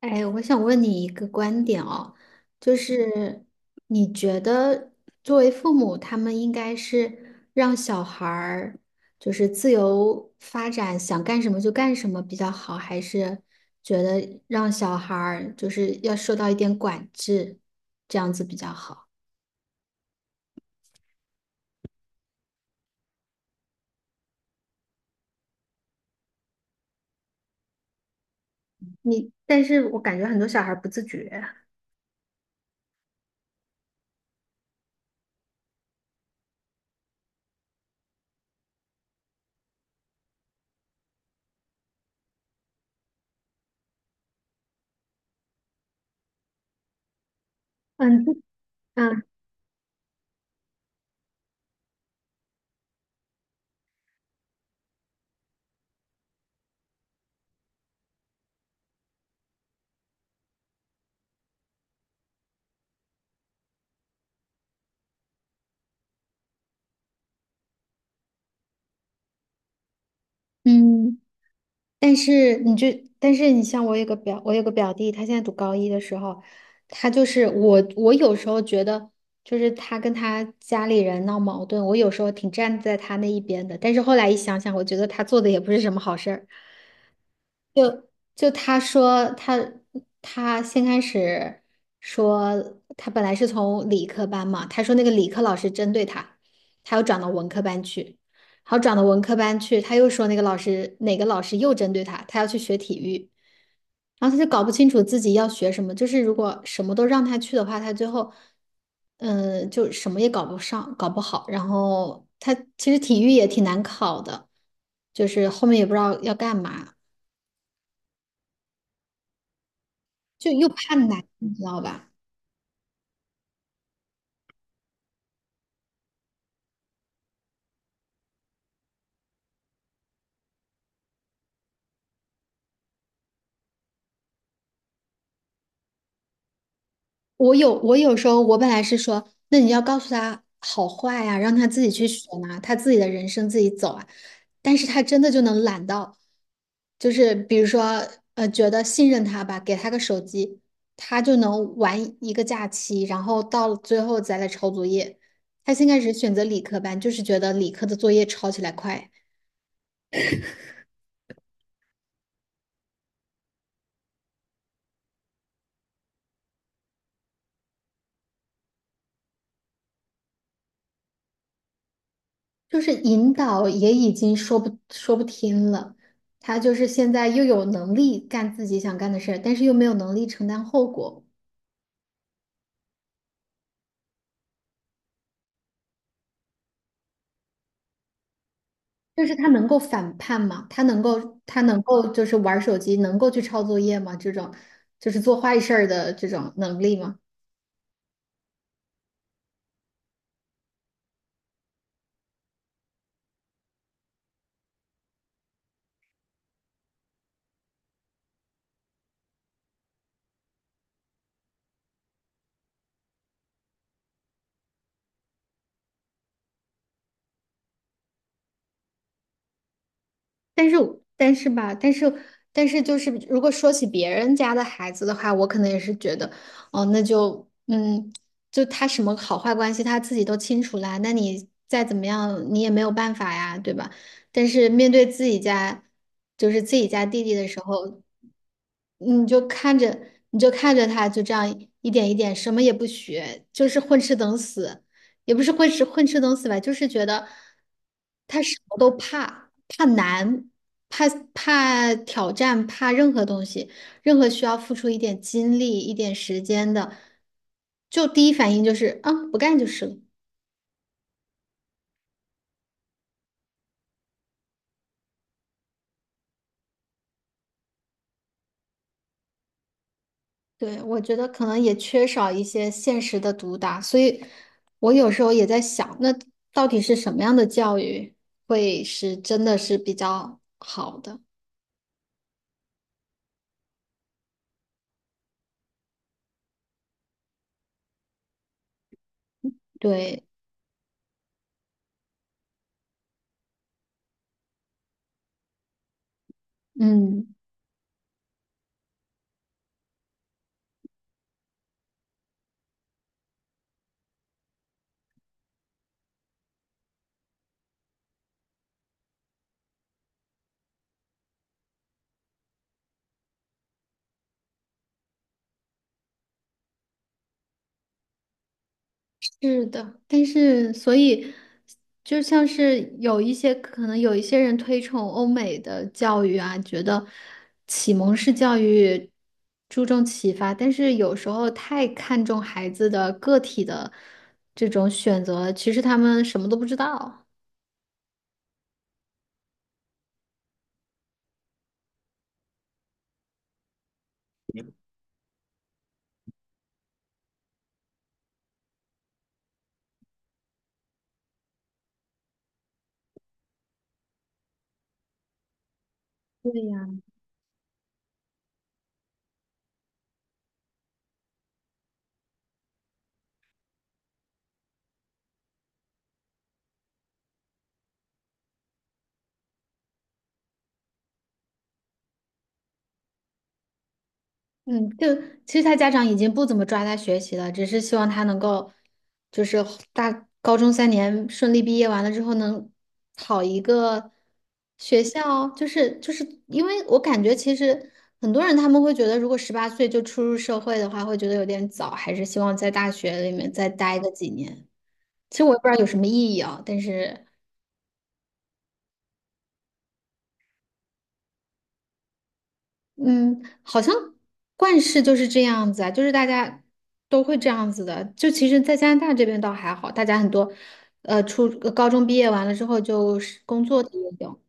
哎，我想问你一个观点哦，就是你觉得作为父母，他们应该是让小孩儿就是自由发展，想干什么就干什么比较好，还是觉得让小孩儿就是要受到一点管制，这样子比较好？你，但是我感觉很多小孩儿不自觉。嗯嗯嗯。但是你就，但是你像我有个表，我有个表弟，他现在读高一的时候，他就是我，我有时候觉得，就是他跟他家里人闹矛盾，我有时候挺站在他那一边的，但是后来一想想，我觉得他做的也不是什么好事儿。就他说他先开始说他本来是从理科班嘛，他说那个理科老师针对他，他又转到文科班去，然后转到文科班去，他又说那个老师哪个老师又针对他，他要去学体育，然后他就搞不清楚自己要学什么，就是如果什么都让他去的话，他最后就什么也搞不上，搞不好，然后他其实体育也挺难考的，就是后面也不知道要干嘛。就又怕难，你知道吧？我有时候我本来是说，那你要告诉他好坏呀、让他自己去学啊，他自己的人生自己走啊。但是他真的就能懒到，就是比如说觉得信任他吧，给他个手机，他就能玩一个假期，然后到了最后再来抄作业。他先开始选择理科班，就是觉得理科的作业抄起来快。就是引导也已经说不听了，他就是现在又有能力干自己想干的事儿，但是又没有能力承担后果。就是他能够反叛吗？他能够就是玩手机，能够去抄作业吗？这种就是做坏事儿的这种能力吗？但是我但是吧，但是但是就是，如果说起别人家的孩子的话，我可能也是觉得，哦，那就就他什么好坏关系他自己都清楚啦，那你再怎么样你也没有办法呀，对吧？但是面对自己家，就是自己家弟弟的时候，你就看着他就这样一点一点什么也不学，就是混吃等死。也不是混吃等死吧，就是觉得他什么都怕，怕难，怕怕挑战，怕任何东西，任何需要付出一点精力、一点时间的，就第一反应就是啊，不干就是了。对，我觉得可能也缺少一些现实的毒打，所以我有时候也在想，那到底是什么样的教育会是真的是比较好的？对，嗯。是的，但是所以就像是有一些可能有一些人推崇欧美的教育啊，觉得启蒙式教育注重启发，但是有时候太看重孩子的个体的这种选择，其实他们什么都不知道。嗯，就其实他家长已经不怎么抓他学习了，只是希望他能够，就是大高中3年顺利毕业完了之后能考一个学校，就是因为我感觉其实很多人他们会觉得，如果18岁就出入社会的话，会觉得有点早，还是希望在大学里面再待个几年。其实我也不知道有什么意义啊，但是。嗯，好像惯事就是这样子啊，就是大家都会这样子的。就其实，在加拿大这边倒还好，大家很多，高中毕业完了之后就是工作的也有，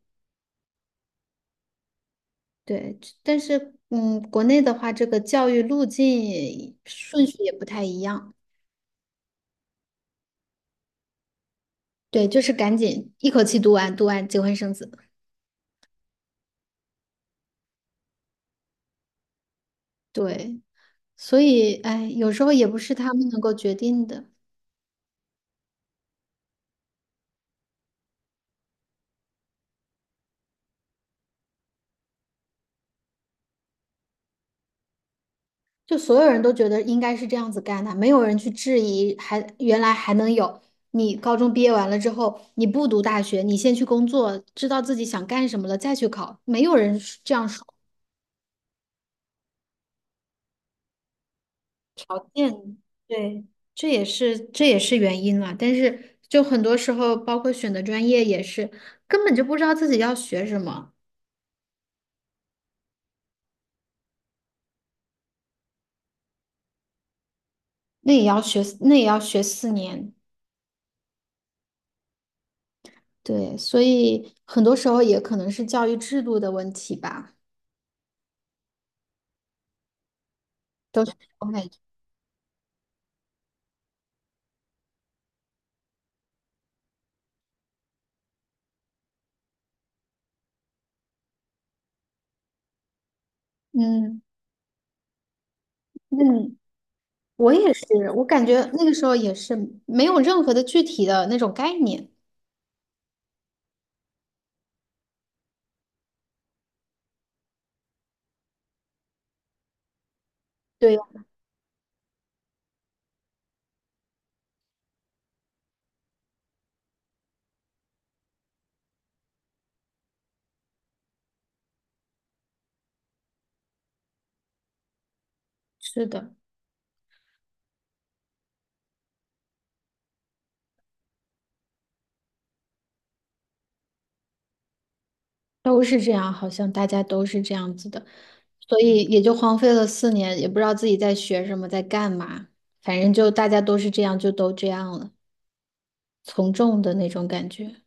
对。但是，嗯，国内的话，这个教育路径顺序也不太一样。对，就是赶紧一口气读完，读完结婚生子。对，所以，哎，有时候也不是他们能够决定的。就所有人都觉得应该是这样子干的，没有人去质疑还，原来还能有你高中毕业完了之后，你不读大学，你先去工作，知道自己想干什么了再去考，没有人是这样说条件，对，这也是原因了。但是就很多时候，包括选的专业也是，根本就不知道自己要学什么，那也要学，那也要学四年，对，所以很多时候也可能是教育制度的问题吧，都是我感觉，嗯。嗯，我也是，我感觉那个时候也是没有任何的具体的那种概念。对呀，是的，都是这样，好像大家都是这样子的，所以也就荒废了四年，也不知道自己在学什么，在干嘛，反正就大家都是这样，就都这样了，从众的那种感觉。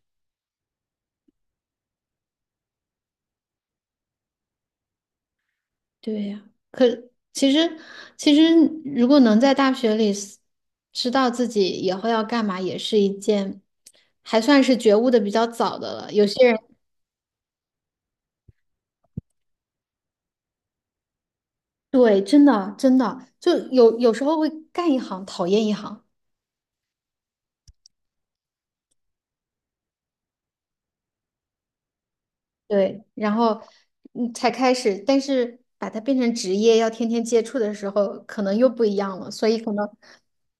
对呀，可其实其实如果能在大学里 知道自己以后要干嘛，也是一件还算是觉悟的比较早的了。有些人。对，真的真的，就有时候会干一行讨厌一行，对，然后嗯才开始，但是把它变成职业，要天天接触的时候，可能又不一样了，所以可能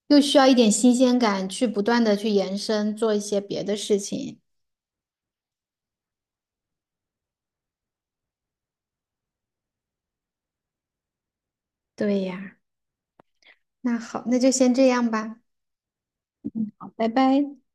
又需要一点新鲜感，去不断的去延伸，做一些别的事情。对呀，那好，那就先这样吧，好拜拜。